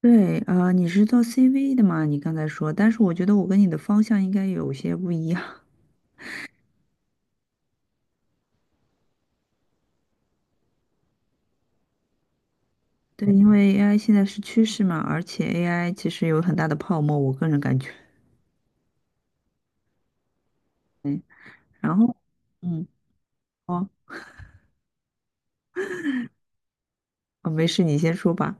对啊，你是做 CV 的嘛？你刚才说，但是我觉得我跟你的方向应该有些不一样。对，因为 AI 现在是趋势嘛，而且 AI 其实有很大的泡沫，我个人感觉。嗯，然后，嗯，哦，哦，没事，你先说吧。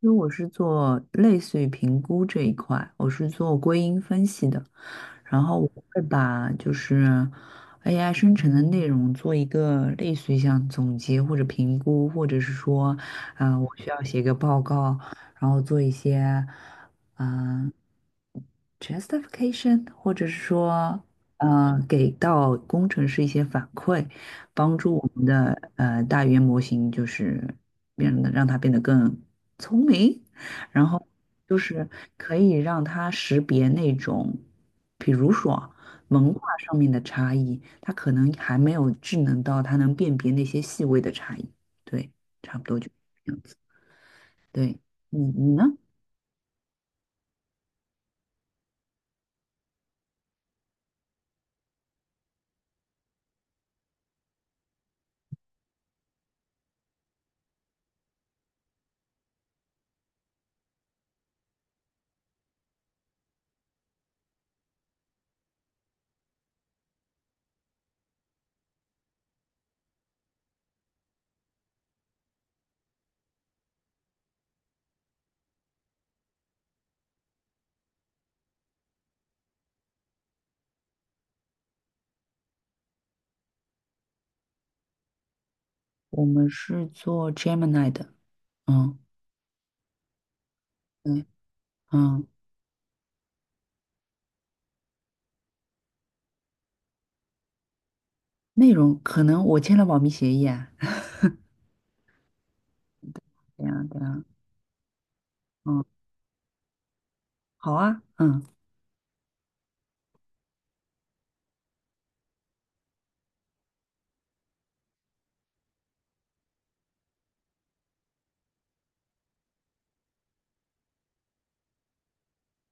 因为我是做类似于评估这一块，我是做归因分析的。然后我会把就是 AI 生成的内容做一个类似于像总结或者评估，或者是说，我需要写个报告，然后做一些，嗯、justification，或者是说，给到工程师一些反馈，帮助我们的大语言模型就是让它变得更聪明，然后就是可以让他识别那种，比如说文化上面的差异，他可能还没有智能到他能辨别那些细微的差异。对，差不多就这样子。对，你呢？我们是做 Gemini 的，嗯，对，嗯，内容可能我签了保密协议啊，对啊，对啊，嗯，好啊，嗯。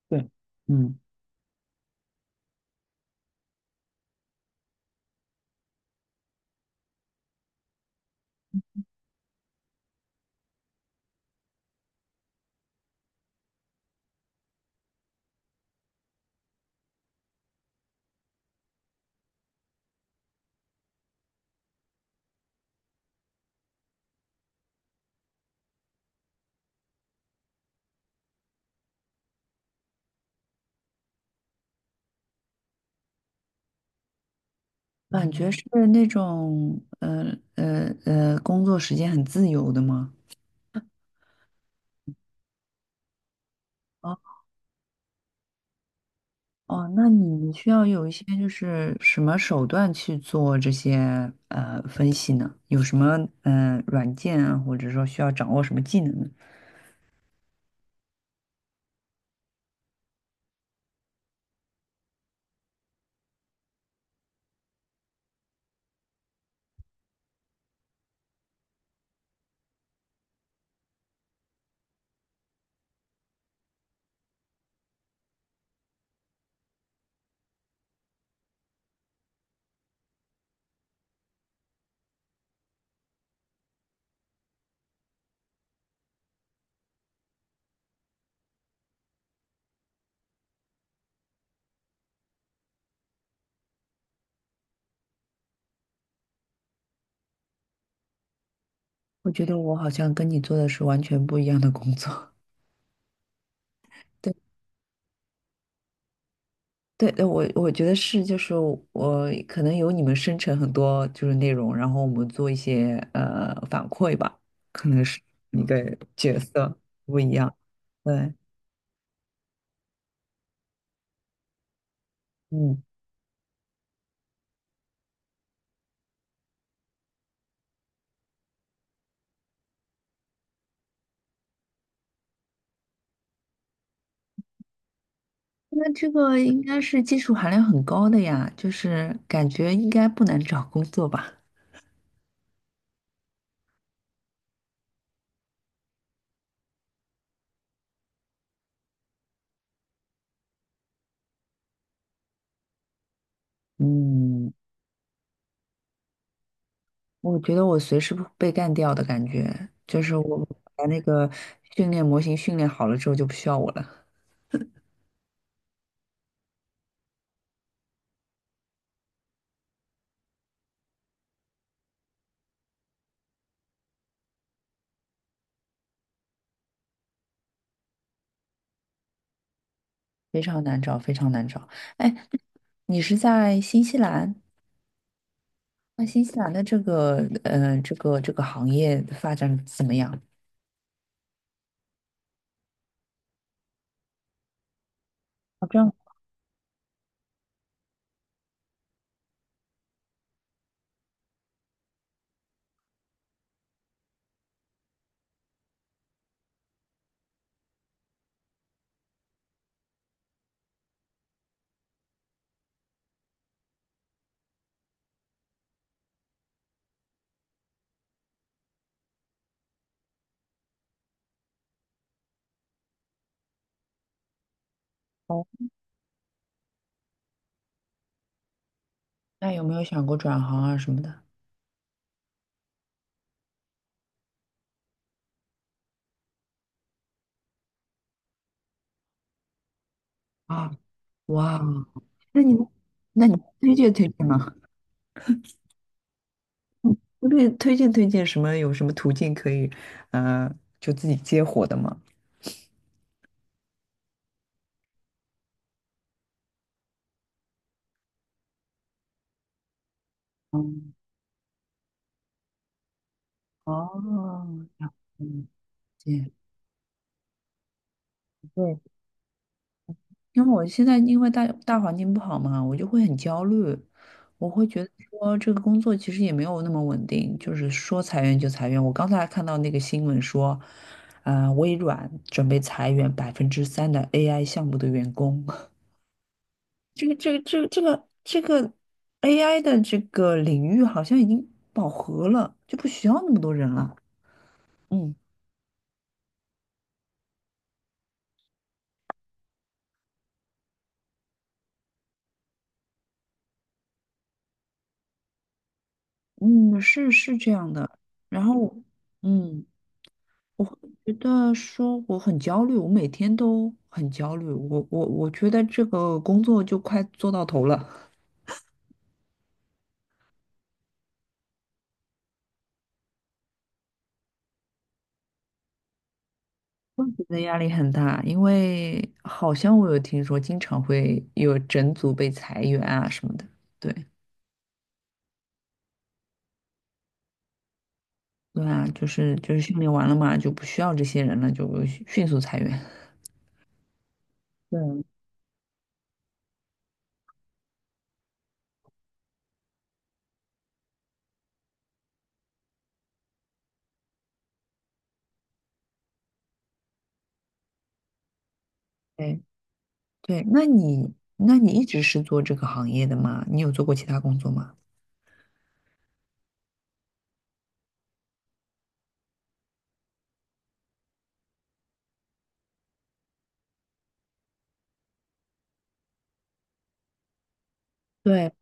对。嗯，感觉是那种工作时间很自由的吗？哦，那你需要有一些就是什么手段去做这些分析呢？有什么软件啊，或者说需要掌握什么技能呢？我觉得我好像跟你做的是完全不一样的工作。对对，我觉得是，就是我可能有你们生成很多就是内容，然后我们做一些反馈吧，可能是一个角色不一样。对，嗯。那这个应该是技术含量很高的呀，就是感觉应该不难找工作吧？嗯，我觉得我随时会被干掉的感觉，就是我把那个训练模型训练好了之后就不需要我了，非常难找，非常难找。哎，你是在新西兰？那新西兰的这个这个行业发展怎么样？啊，这样哦，那有没有想过转行啊什么的？啊，哇，那你那你推荐推荐吗？推荐推荐什么？有什么途径可以，呃，就自己接活的吗？嗯，哦，了解。对，因为我现在因为大环境不好嘛，我就会很焦虑，我会觉得说这个工作其实也没有那么稳定，就是说裁员就裁员。我刚才还看到那个新闻说，微软准备裁员3%的 AI 项目的员工。这个 AI 的这个领域好像已经饱和了，就不需要那么多人了。嗯嗯，是是这样的。然后嗯，我会觉得说我很焦虑，我每天都很焦虑。我觉得这个工作就快做到头了，我觉得压力很大，因为好像我有听说经常会有整组被裁员啊什么的。对。对啊，就是训练完了嘛，就不需要这些人了，就迅速裁员。对，对对，那你一直是做这个行业的吗？你有做过其他工作吗？对，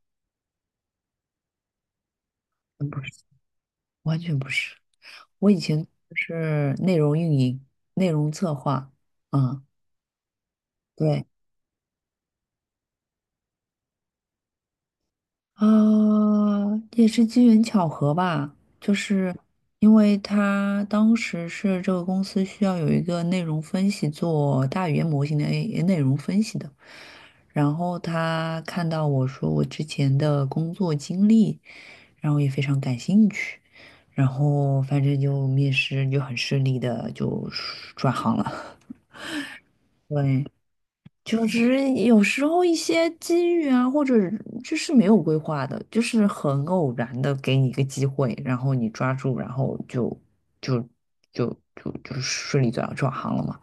嗯不是，完全不是。我以前是内容运营、内容策划，嗯，对，啊，也是机缘巧合吧，就是因为他当时是这个公司需要有一个内容分析做大语言模型的 内容分析的，然后他看到我说我之前的工作经历，然后也非常感兴趣，然后反正就面试就很顺利的就转行了，对。就是有时候一些机遇啊，或者就是没有规划的，就是很偶然的给你一个机会，然后你抓住，然后就就就顺利转行了嘛。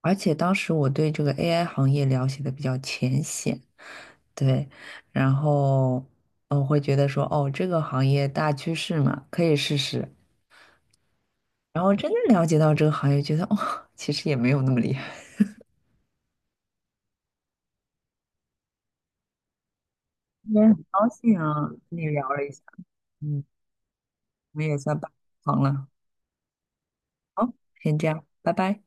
而且当时我对这个 AI 行业了解的比较浅显，对，然后我会觉得说，哦，这个行业大趋势嘛，可以试试。然后真正了解到这个行业，觉得哦，其实也没有那么厉害。今天很高兴啊，跟你聊了一下。嗯。我也在忙了。好，先这样，拜拜。